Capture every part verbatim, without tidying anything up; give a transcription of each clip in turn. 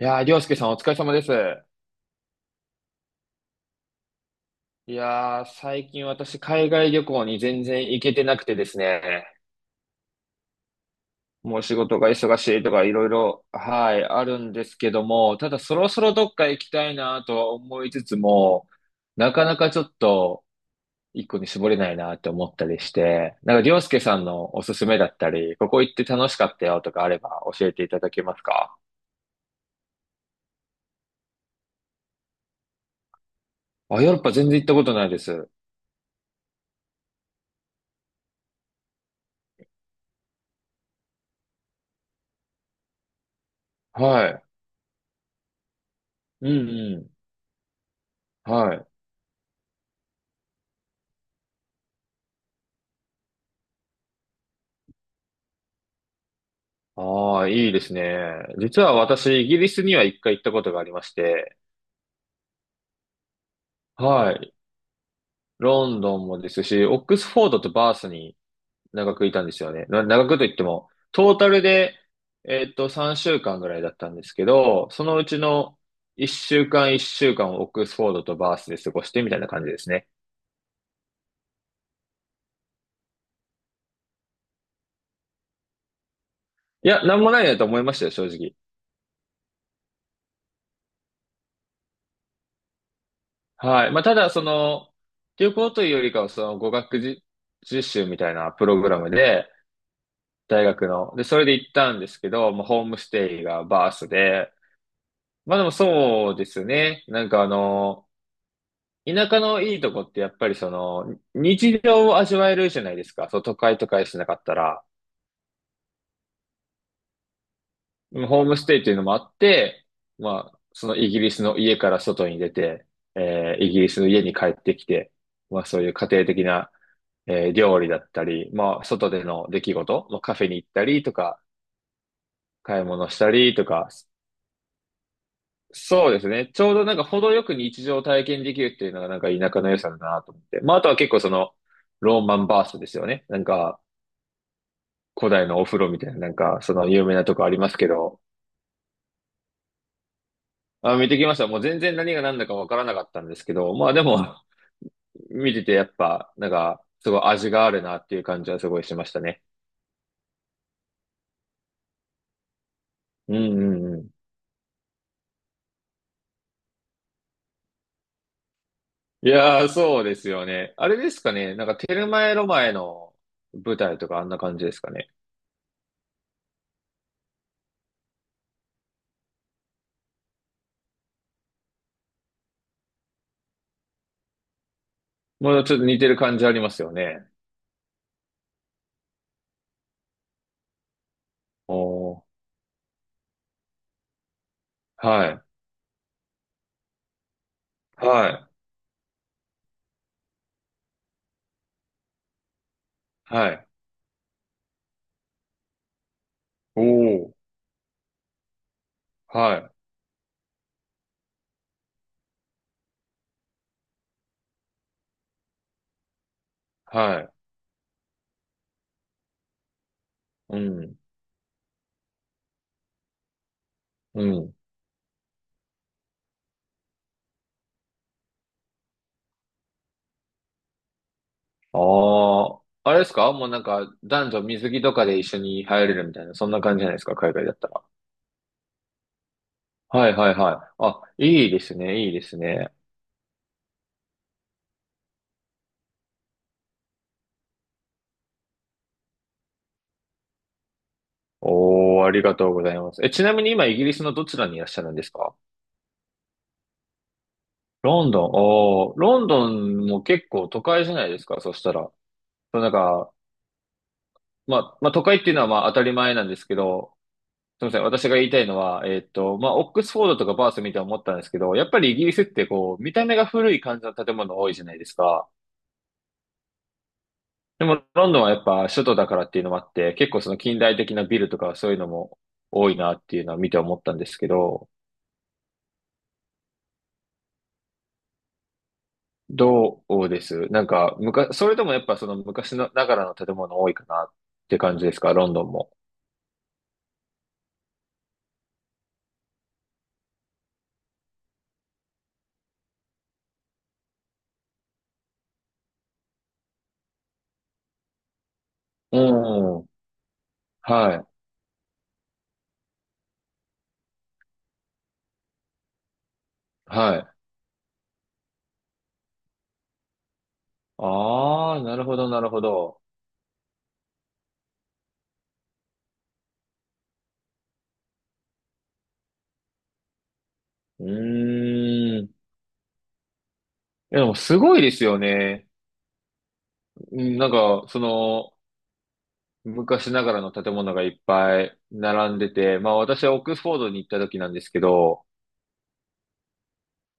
いやー、りょうすけさんお疲れ様です。いやー、最近私海外旅行に全然行けてなくてですね。もう仕事が忙しいとかいろいろ、はい、あるんですけども、ただそろそろどっか行きたいなとは思いつつも、なかなかちょっと一個に絞れないなって思ったりして、なんかりょうすけさんのおすすめだったり、ここ行って楽しかったよとかあれば教えていただけますか？あ、ヨーロッパ全然行ったことないです。はい。うんうん。はい。ああ、いいですね。実は私、イギリスには一回行ったことがありまして、はい。ロンドンもですし、オックスフォードとバースに長くいたんですよね。な長くといっても、トータルで、えっと、さんしゅうかんぐらいだったんですけど、そのうちの1週間1週間をオックスフォードとバースで過ごしてみたいな感じですね。いや、なんもないなと思いましたよ、正直。はい。まあ、ただ、その、旅行というよりかは、その語学じ実習みたいなプログラムで、大学の。で、それで行ったんですけど、もうホームステイがバースで、まあでもそうですね。なんかあの、田舎のいいとこってやっぱりその、日常を味わえるじゃないですか。そう、都会とかしなかったら。ホームステイっていうのもあって、まあ、そのイギリスの家から外に出て、えーイギリスの家に帰ってきて、まあそういう家庭的な、えー料理だったり、まあ外での出来事、まあ、カフェに行ったりとか、買い物したりとか、そうですね。ちょうどなんか程よく日常を体験できるっていうのがなんか田舎の良さだなと思って。まああとは結構そのローマンバーストですよね。なんか古代のお風呂みたいななんかその有名なとこありますけど。あ、見てきました。もう全然何が何だかわからなかったんですけど。まあでも 見ててやっぱなんかすごい味があるなっていう感じはすごいしましたね。うんうんうん。いやーそうですよね。あれですかね。なんかテルマエ・ロマエの舞台とかあんな感じですかね。もうちょっと似てる感じありますよね。おー、はい、はい、はい。おー、はい、はい。うん、うん。ああ、あれですかもうなんか男女水着とかで一緒に入れるみたいな、そんな感じじゃないですか海外だったら？はい、はい、はい。あ、いいですね、いいですね。おー、ありがとうございます。え、ちなみに今イギリスのどちらにいらっしゃるんですか？ロンドン、おー、ロンドンも結構都会じゃないですかそしたら？そうなんか、まあ、まあ都会っていうのはまあ当たり前なんですけど、すみません。私が言いたいのは、えーっと、まあ、オックスフォードとかバース見て思ったんですけど、やっぱりイギリスってこう、見た目が古い感じの建物多いじゃないですか。でも、ロンドンはやっぱ首都だからっていうのもあって、結構その近代的なビルとかそういうのも多いなっていうのは見て思ったんですけど、どうですなんか、むか、それでもやっぱその昔のながらの建物多いかなって感じですか、ロンドンも？うん。はい。はい。ああ、なるほど、なるほど。うーん。でもすごいですよね。うん、なんか、その、昔ながらの建物がいっぱい並んでて、まあ私はオックスフォードに行った時なんですけど、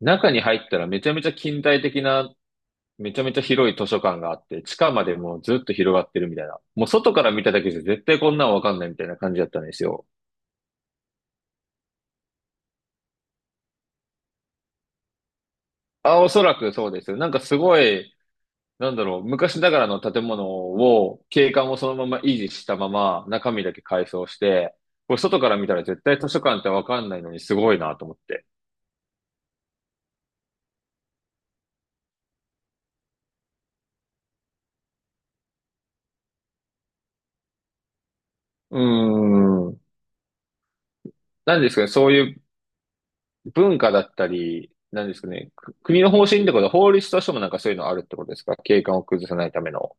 中に入ったらめちゃめちゃ近代的な、めちゃめちゃ広い図書館があって、地下までもうずっと広がってるみたいな。もう外から見ただけじゃ絶対こんなんわかんないみたいな感じだったんですよ。あ、おそらくそうですよ。なんかすごい、なんだろう、昔ながらの建物を、景観をそのまま維持したまま中身だけ改装して、これ外から見たら絶対図書館ってわかんないのにすごいなと思って。うーん。なんですかね、そういう文化だったり、なんですかね、く国の方針ってことは法律としてもなんかそういうのあるってことですか、景観を崩さないための？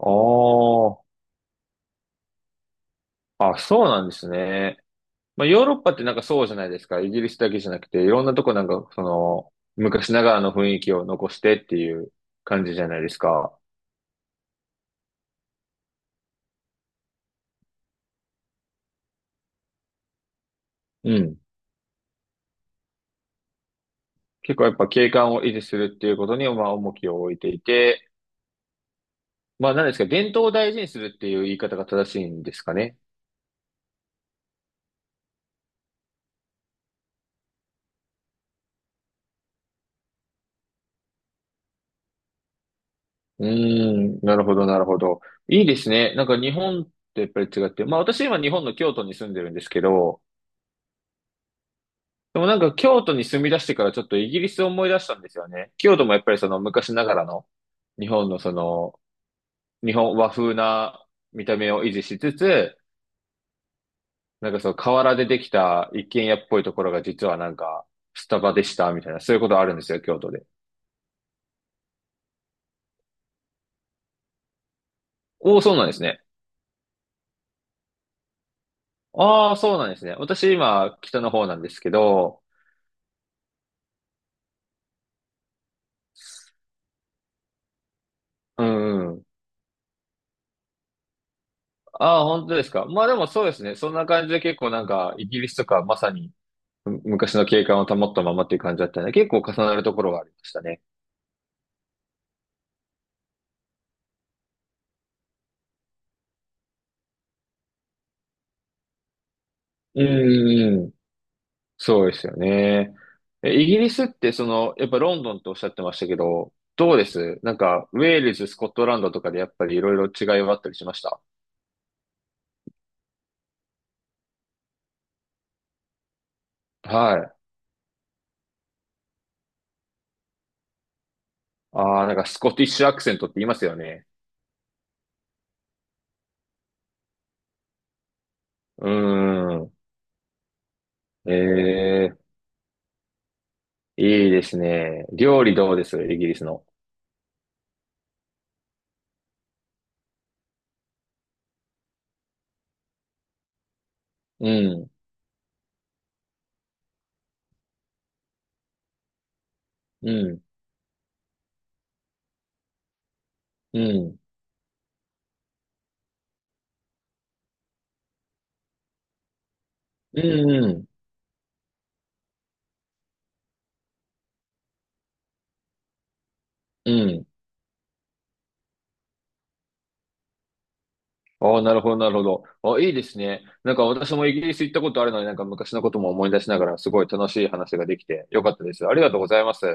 ああ、あ、そうなんですね。まあ、ヨーロッパってなんかそうじゃないですか。イギリスだけじゃなくて、いろんなとこなんか、その、昔ながらの雰囲気を残してっていう感じじゃないですか。うん。結構やっぱ景観を維持するっていうことに、まあ、重きを置いていて、まあ、なんですか、伝統を大事にするっていう言い方が正しいんですかね。うーん、なるほど、なるほど。いいですね。なんか日本とやっぱり違って、まあ私今日本の京都に住んでるんですけど、でもなんか京都に住み出してからちょっとイギリスを思い出したんですよね。京都もやっぱりその昔ながらの日本のその日本和風な見た目を維持しつつ、なんかその河原でできた一軒家っぽいところが実はなんかスタバでしたみたいな、そういうことあるんですよ、京都で。おお、そうなんですね。ああ、そうなんですね。私今北の方なんですけど、うんうん。ああ、本当ですか。まあでもそうですね。そんな感じで結構なんか、イギリスとかまさにむ昔の景観を保ったままっていう感じだったので、結構重なるところがありましたね。うんうんうん、そうですよね。え、イギリスってその、やっぱロンドンっておっしゃってましたけど、どうですなんか、ウェールズ、スコットランドとかでやっぱりいろいろ違いはあったりしました？はい。ああ、なんかスコティッシュアクセントって言いますよね。うーん。ええ、いいですね。料理どうですイギリスの？うん、うん、うん。うんうん。うん。ああ、なるほど、なるほど。あ、いいですね。なんか私もイギリス行ったことあるのに、なんか昔のことも思い出しながら、すごい楽しい話ができてよかったです。ありがとうございます。